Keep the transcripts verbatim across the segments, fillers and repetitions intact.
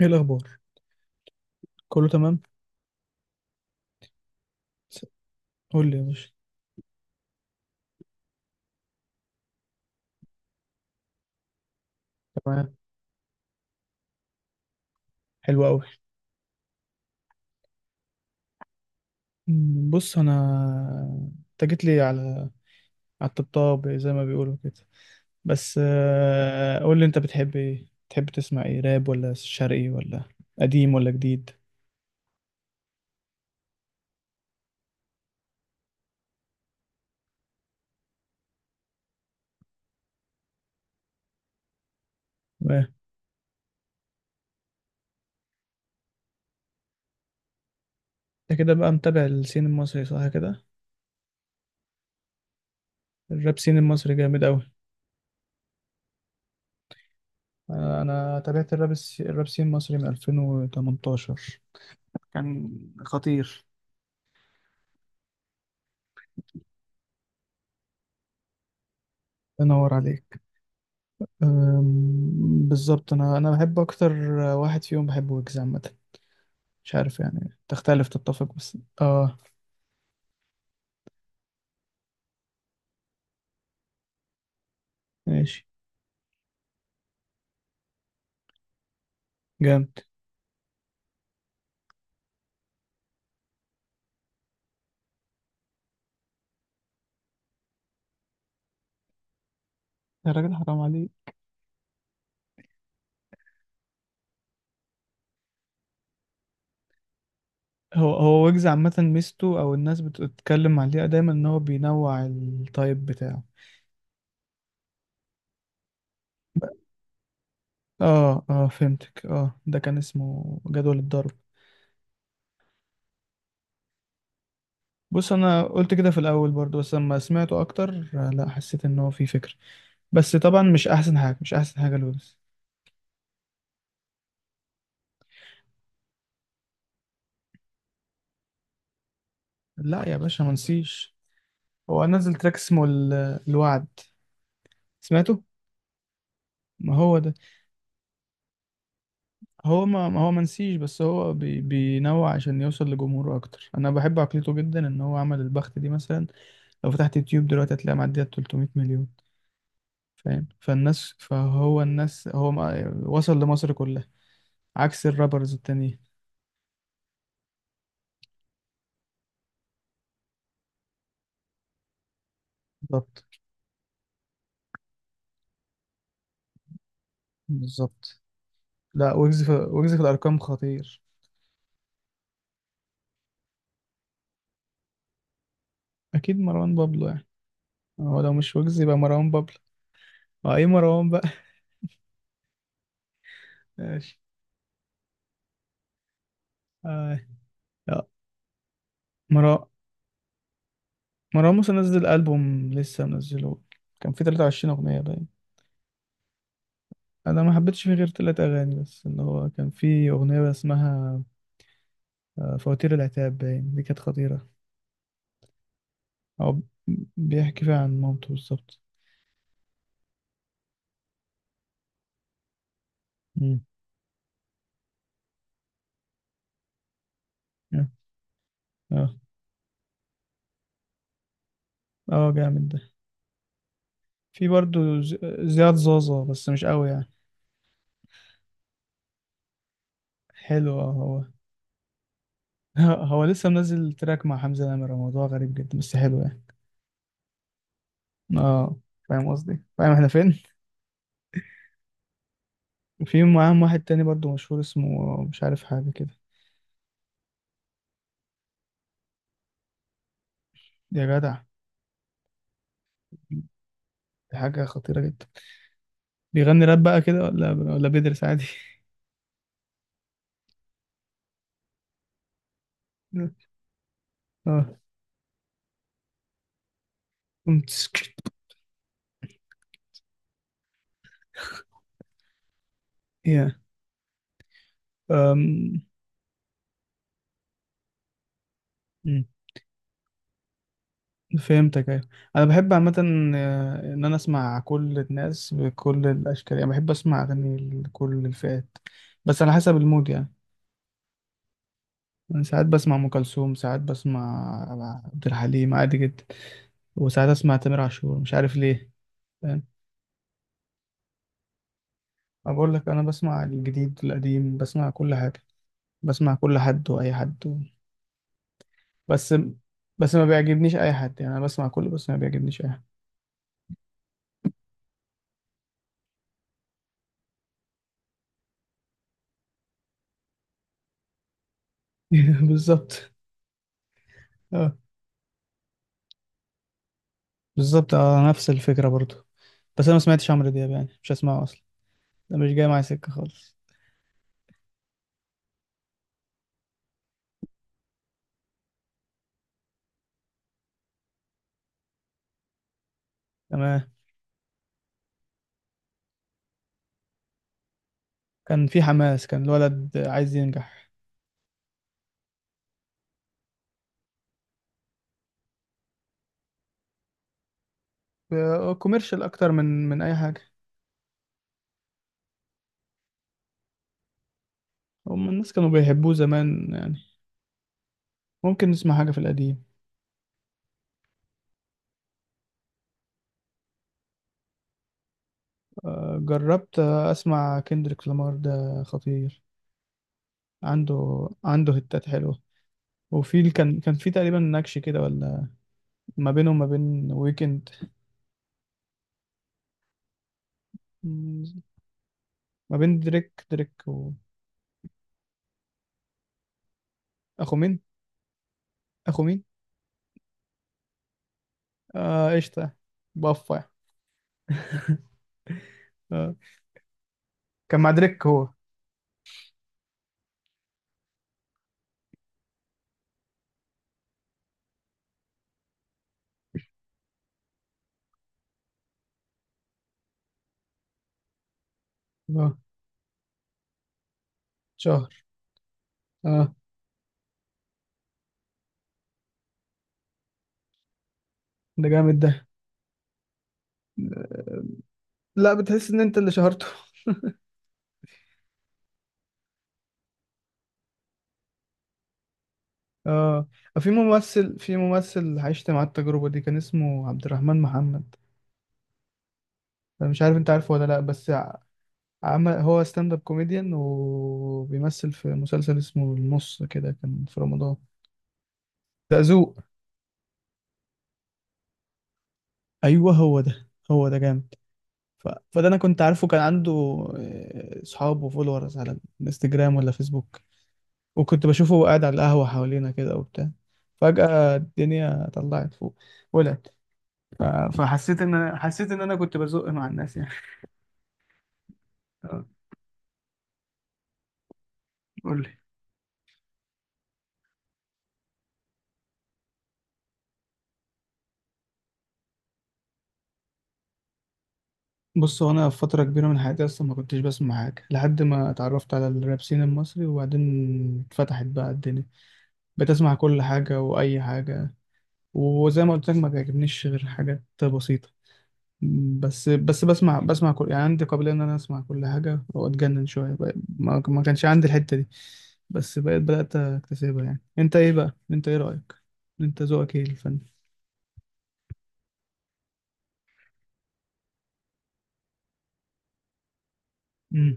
ايه الاخبار؟ كله تمام. س- قول لي يا باشا. تمام. حلو قوي. أمم، بص، انا انت جيت لي على على الطبطاب زي ما بيقولوا كده. بس آه، قول لي، انت بتحب ايه؟ بتحب تسمع ايه، راب ولا شرقي ولا قديم ولا جديد؟ و- انت كده بقى متابع السين المصري، صح كده؟ الراب سين المصري جامد قوي. انا أنا تابعت الراب الس- الراب سين المصري من ألفين وتمنتاشر. كان خطير. الله ينور عليك. أم، بالظبط، انا انا بحب اكتر، واحد فيهم بحب ويجز عامه. مش عارف، يعني تختلف تتفق، بس اه. ماشي. جامد. الراجل حرام عليه. هو هو ويجز عامه، ميزته او الناس بتتكلم عليها دايما ان هو بينوع التايب بتاعه. اه، اه، فهمتك. اه، ده كان اسمه جدول الضرب. بص، انا قلت كده في الاول برضو، بس لما سمعته اكتر آه، لا، حسيت ان هو فيه فكر. بس طبعا، مش احسن حاجه، مش احسن حاجه لويجز. لا يا باشا، ما نسيش. هو نزل تراك اسمه ال- الوعد، سمعته. ما هو ده. هو ما, ما هو منسيش، بس هو بي بينوع عشان يوصل لجمهوره اكتر. انا بحب عقليته جدا، ان هو عمل البخت دي مثلا. لو فتحت يوتيوب دلوقتي، هتلاقي معديه 300 مليون. فاهم؟ فالناس، فهو الناس، هو ما وصل لمصر كلها. عكس الرابرز التانيين. بالظبط. بالظبط. لا ويجز في ويجز في الارقام خطير. اكيد مروان بابلو يعني. هو لو مش ويجز يبقى مروان بابلو. اه، ايه مروان بقى. ماشي. آه. مروان مروان موسى نزل ألبوم لسه منزله. كان فيه تلاتة وعشرين أغنية باين. أنا ما حبيتش فيه غير تلات أغاني، بس اللي هو كان فيه أغنية اسمها آه، فواتير العتاب، باين دي كانت خطيرة. أو، بيحكي فيها عن مامته بالظبط. مم. اه، اه. آه، جامد ده. في برضه ز- زياد زازا، بس مش قوي يعني. حلو. اه، هو. هو لسه منزل تراك مع حمزة نمرة، موضوع غريب جدا بس حلو يعني. اه. فاهم قصدي؟ فاهم احنا فين؟ في معاهم واحد تاني برضه مشهور، اسمه مش عارف، حاجة كده. يا جدع. دي حاجة خطيرة جدا. بيغني راب بقى كده، ولا ولا بيدرس عادي؟ اه، كنت سكت. يا. أم، مم. فهمتك، ايوه. انا بحب عامة، آه، ان انا اسمع كل الناس بكل الاشكال، يعني بحب اسمع اغاني لكل الفئات، بس على حسب المود يعني. أنا ساعات بسمع ام كلثوم، ساعات بسمع عبد الحليم عادي جدا. وساعات اسمع تامر عاشور، مش عارف ليه. فاهم؟ أنا بقول لك، انا بسمع الجديد القديم، بسمع كل حاجة. بسمع كل حد واي حد و... بس بس، ما بيعجبنيش اي حد، يعني انا بسمع كله بس ما بيعجبنيش اي حد. بالظبط. اه. بالظبط. اه، نفس الفكره برضو. بس انا ما سمعتش عمرو دياب، يعني مش هسمعه اصلا. ده مش جاي معايا سكه خالص. تمام. كان في حماس، كان الولد عايز ينجح. آه، كوميرشال اكتر من من اي حاجه. هم الناس كانوا بيحبوه زمان يعني. ممكن نسمع حاجه في القديم. آه، جربت آه، اسمع كندريك لامار، ده خطير. عنده عنده هتات حلوه. وفي ال- كان كان في تقريبا نكش كده، ولا ما بينه وما بين ويكند. مم، ما بين دريك دريك. واخو مين اخو مين؟ اه، قشطة. بفا. آه. كان مع دريك هو. اه. شهر. اه. ده جامد ده. لا، بتحس ان انت اللي شهرته. اه. في ممثل في ممثل عشت مع التجربة دي، كان اسمه عبد الرحمن محمد. أنا مش عارف انت عارفه ولا لا، بس ع- عمل هو ستاند اب كوميديان، وبيمثل في مسلسل اسمه النص كده كان في رمضان. ده ذوق. ايوه، هو ده هو ده جامد. ف... فده، انا كنت عارفه، كان عنده آه، صحاب وفولورز على الانستجرام ولا فيسبوك. وكنت بشوفه وهو قاعد على القهوة حوالينا كده وبتاع. فجأة الدنيا طلعت فوق. ولعت. ف... فحسيت ان انا حسيت ان انا كنت بزق مع الناس يعني. آه، قول لي. بص، هو انا في فترة كبيرة من حياتي اصلا ما كنتش بسمع حاجة، لحد ما اتعرفت على الراب سين المصري، وبعدين اتفتحت بقى الدنيا. بتسمع كل حاجة واي حاجة. وزي ما قلت لك، ما بيعجبنيش غير حاجات بسيطة. بس بس بسمع بسمع كل، يعني عندي قابلية إن أنا أسمع كل حاجة وأتجنن شوية بقى- ما ما كانش عندي الحتة دي. بس بقيت بدأت أكتسبها. يعني أنت إيه بقى؟ أنت إيه رأيك؟ أنت ذوقك إيه الفن؟ مم.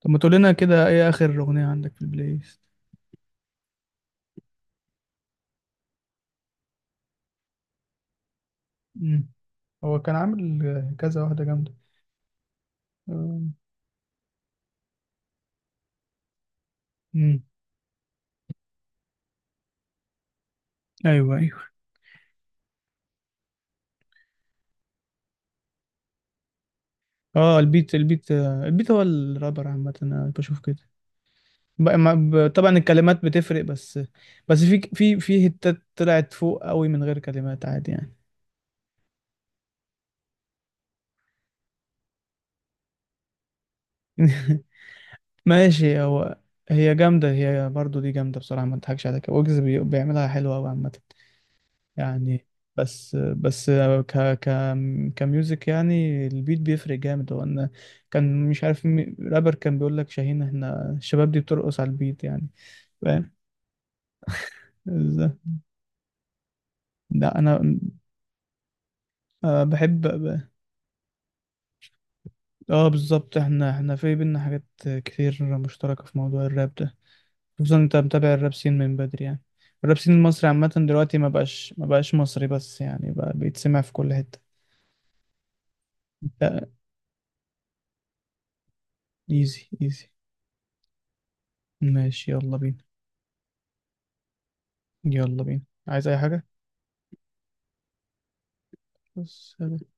طب ما تقول لنا كده، إيه آخر أغنية عندك في البلاي ليست؟ مم. هو كان عامل كذا واحدة جامدة. امم. أيوه، أيوه. أه، البيت البيت. آه، البيت هو الرابر عامة، أنا بشوف كده. ب- ما- ب- طبعا، الكلمات بتفرق بس. بس في في في هتات طلعت فوق قوي من غير كلمات عادي يعني. ماشي. هو. هي جامدة، هي برضو دي جامدة بصراحة، ما اضحكش عليك، ويجز بي- بيعملها حلوة قوي عامة يعني. بس بس ك ك كميوزك، يعني البيت بيفرق جامد هو، ان كان مش عارف مي- رابر كان بيقول لك، شاهين احنا الشباب دي بترقص على البيت يعني. فاهم ازاي؟ لا انا آه، بحب. اه، بالظبط، احنا احنا في بينا حاجات كتير مشتركة في موضوع الراب ده، خصوصا انت متابع الراب سين من بدري يعني. الراب سين المصري عامة دلوقتي ما بقاش ما بقاش مصري، بس يعني بقى بيتسمع في كل حتة. لا. ايزي، ايزي. ماشي، يلا بينا. يلا بينا. عايز اي حاجة؟ بس.